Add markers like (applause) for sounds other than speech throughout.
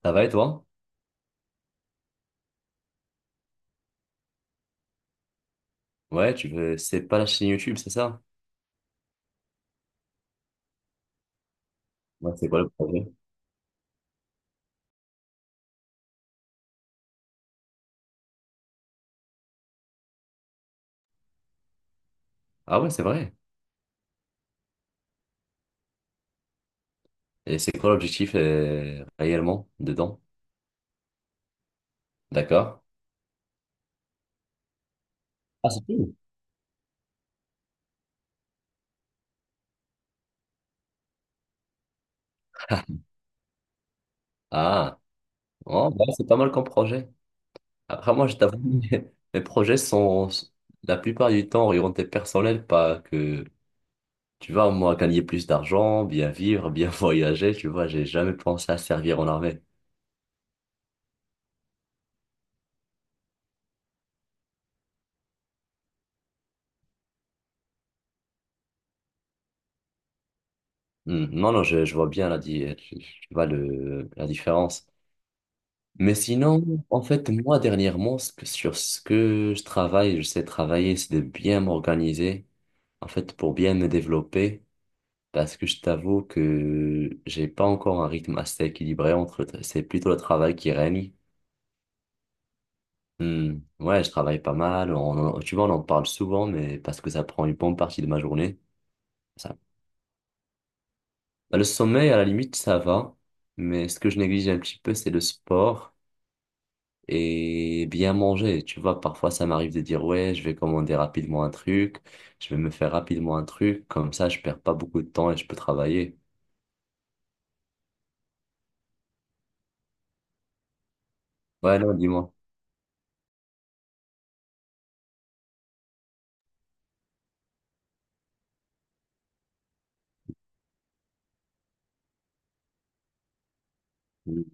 Ça va et toi? Ouais, tu veux, c'est pas la chaîne YouTube, c'est ça? Ouais, c'est quoi le projet? Ah ouais, c'est vrai. Et c'est quoi l'objectif réellement dedans? D'accord. Ah, c'est tout. Ah, oh, bah, c'est pas mal comme projet. Après, moi, je t'avoue, (laughs) mes mes projets sont la plupart du temps orientés personnels, pas que, tu vois, moi, gagner plus d'argent, bien vivre, bien (laughs) voyager, tu vois, j'ai jamais pensé à servir en armée. Hmm. Non, non, je vois bien la, tu vois le, la différence. Mais sinon, en fait, moi, dernièrement, sur ce que je travaille, je sais travailler, c'est de bien m'organiser, en fait, pour bien me développer, parce que je t'avoue que j'ai pas encore un rythme assez équilibré entre, c'est plutôt le travail qui règne. Hmm. Ouais, je travaille pas mal, tu vois, on en parle souvent, mais parce que ça prend une bonne partie de ma journée. Ça. Bah, le sommeil, à la limite, ça va, mais ce que je néglige un petit peu, c'est le sport. Et bien manger. Tu vois, parfois ça m'arrive de dire, ouais, je vais commander rapidement un truc, je vais me faire rapidement un truc, comme ça je perds pas beaucoup de temps et je peux travailler. Ouais, non, dis-moi.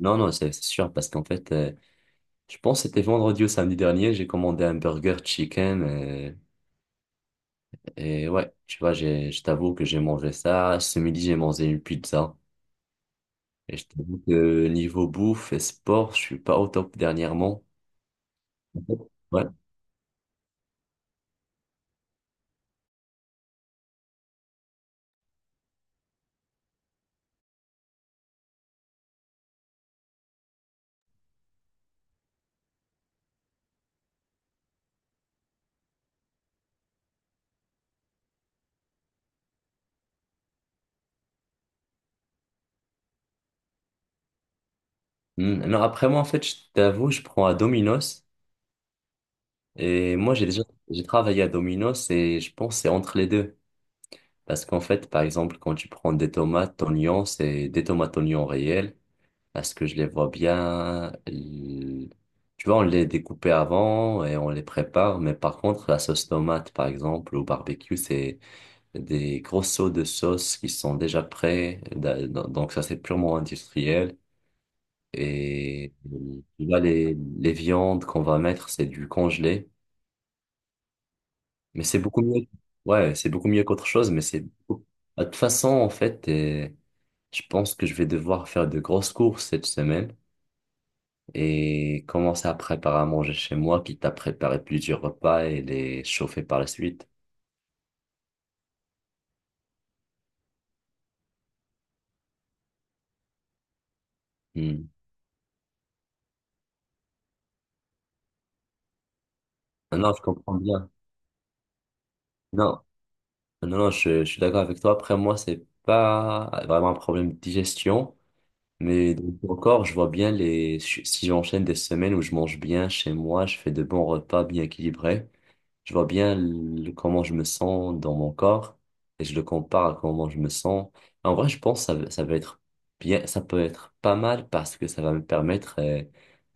Non, non, c'est sûr, parce qu'en fait, je pense que c'était vendredi ou samedi dernier, j'ai commandé un burger chicken, et ouais, tu vois, je t'avoue que j'ai mangé ça. Ce midi, j'ai mangé une pizza. Et je t'avoue que niveau bouffe et sport, je suis pas au top dernièrement. Ouais. Hmm. Non, après moi, en fait, je t'avoue, je prends à Domino's. Et moi, j'ai travaillé à Domino's et je pense que c'est entre les deux. Parce qu'en fait, par exemple, quand tu prends des tomates, oignons, c'est des tomates, oignons réels. Parce que je les vois bien. Tu vois, on les découpe avant et on les prépare. Mais par contre, la sauce tomate, par exemple, au barbecue, c'est des gros seaux de sauce qui sont déjà prêts. Donc, ça, c'est purement industriel. Et tu vois, les viandes qu'on va mettre, c'est du congelé. Mais c'est beaucoup mieux. Ouais, c'est beaucoup mieux qu'autre chose, beaucoup- Ah, de toute façon, en fait, je pense que je vais devoir faire de grosses courses cette semaine et commencer à préparer à manger chez moi, quitte à préparer plusieurs repas et les chauffer par la suite. Hmm. Ah, non, je comprends bien. Non, non, non, je suis d'accord avec toi. Après, moi, c'est pas vraiment un problème de digestion, mais donc, encore, je vois bien les... Si j'enchaîne des semaines où je mange bien chez moi, je fais de bons repas bien équilibrés. Je vois bien comment je me sens dans mon corps et je le compare à comment je me sens. En vrai, je pense que ça va être bien, ça peut être pas mal parce que ça va me permettre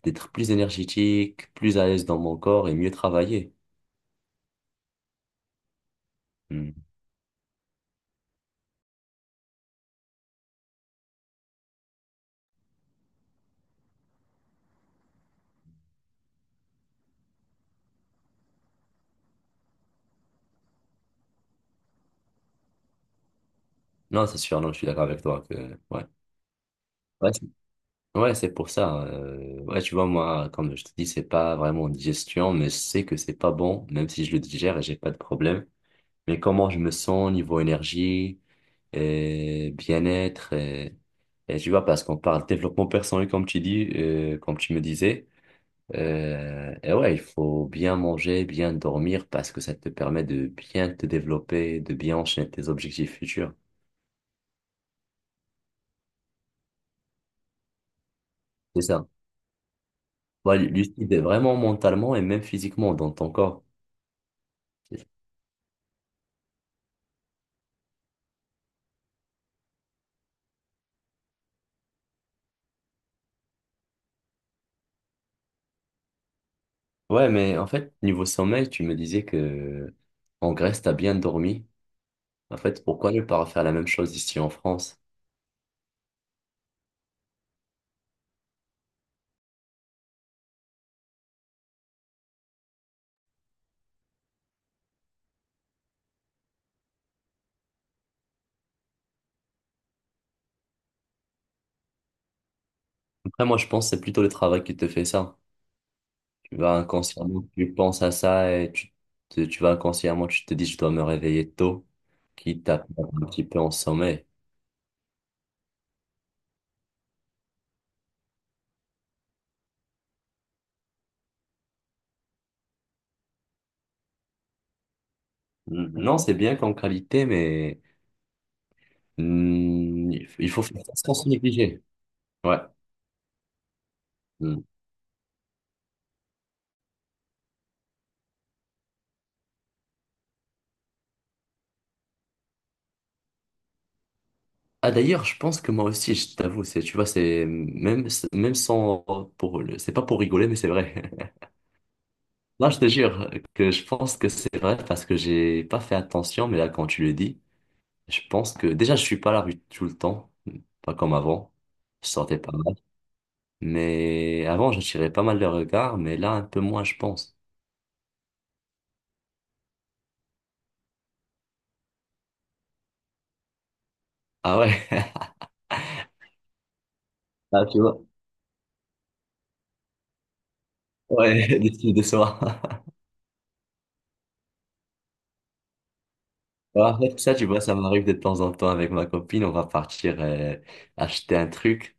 d'être plus énergétique, plus à l'aise dans mon corps et mieux travailler. Hmm. Non, c'est sûr, non, je suis d'accord avec toi que ouais. Ouais, c'est pour ça. Ouais, tu vois, moi, comme je te dis, c'est pas vraiment digestion, mais je sais que c'est pas bon, même si je le digère et j'ai pas de problème. Mais comment je me sens niveau énergie, bien-être, et tu vois, parce qu'on parle développement personnel, comme tu dis, comme tu me disais. Et ouais, il faut bien manger, bien dormir, parce que ça te permet de bien te développer, de bien enchaîner tes objectifs futurs. C'est ça. Ouais, lucide vraiment mentalement et même physiquement dans ton corps. Ouais, mais en fait, niveau sommeil, tu me disais que en Grèce, t'as bien dormi. En fait, pourquoi ne pas refaire la même chose ici en France? Après, moi, je pense que c'est plutôt le travail qui te fait ça. Tu vas inconsciemment, tu penses à ça et tu vas inconsciemment, tu te dis, je dois me réveiller tôt, quitte à perdre un petit peu en sommeil. Mm. Non, c'est bien qu'en qualité, mais mm, il faut faire ça sans se négliger. Ouais. Mm. Ah, d'ailleurs, je pense que moi aussi, je t'avoue, c'est, tu vois, c'est même, même sans, c'est pas pour rigoler, mais c'est vrai. (laughs) Là, je te jure que je pense que c'est vrai parce que j'ai pas fait attention, mais là, quand tu le dis, je pense que déjà, je suis pas à la rue tout le temps, pas comme avant. Je sortais pas mal. Mais avant, j'attirais pas mal de regards, mais là, un peu moins, je pense. Ah ouais, (laughs) ah, tu vois. Ouais, (laughs) des filles de soir. (laughs) Ouais, en fait, ça, tu vois, ça m'arrive de temps en temps avec ma copine. On va partir acheter un truc.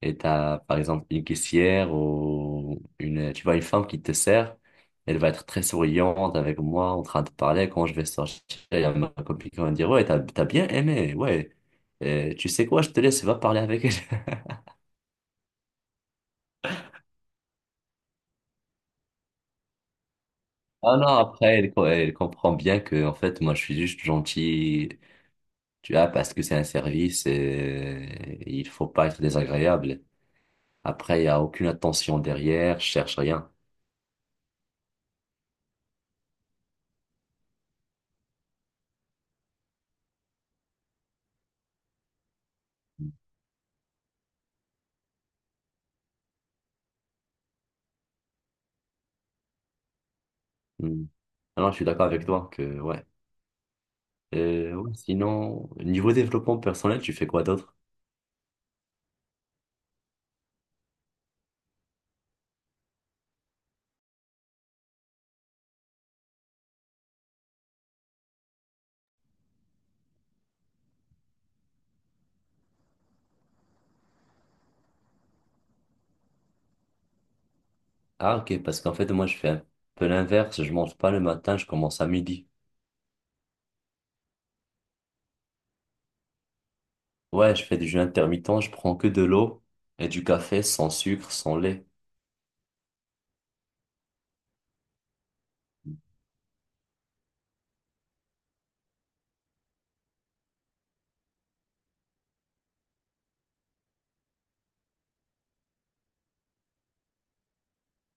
Et t'as par exemple une caissière ou une, tu vois, une femme qui te sert, elle va être très souriante avec moi en train de parler. Quand je vais sortir, elle va me, copine qui va me dire, ouais, t'as bien aimé, ouais. Tu sais quoi, je te laisse, va parler avec elle. (laughs) Ah non, elle comprend bien que en fait moi je suis juste gentil, tu vois, parce que c'est un service et il faut pas être désagréable. Après, il n'y a aucune attention derrière, je cherche rien. Hmm. Alors, je suis d'accord avec toi que, ouais. Ouais, Sinon, niveau développement personnel, tu fais quoi d'autre? Ah, ok, parce qu'en fait, moi, je fais un peu l'inverse. Je mange pas le matin, je commence à midi. Ouais, je fais du jeûne intermittent, je prends que de l'eau et du café sans sucre, sans lait.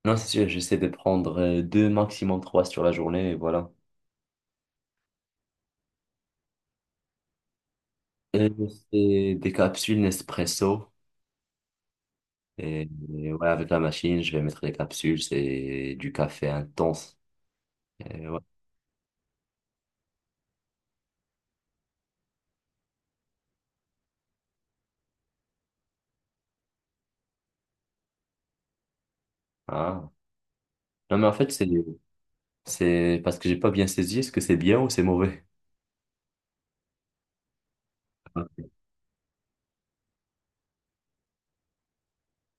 Non, c'est sûr, j'essaie de prendre deux, maximum trois sur la journée, et voilà. Euh, C'est des capsules Nespresso. Et, et ouais, avec la machine, je vais mettre les capsules. C'est du café intense. Et ouais. Ah. Non, mais en fait, c'est parce que j'ai pas bien saisi. Est-ce que c'est bien ou c'est mauvais?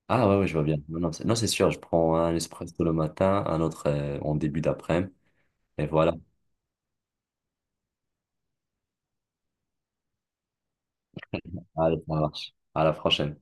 Ah ouais, ouais, je vois bien. Non, non, c'est, non, c'est sûr. Je prends un Nespresso le matin, un autre en début d'après-midi. Et voilà. Allez, ça marche. À la prochaine.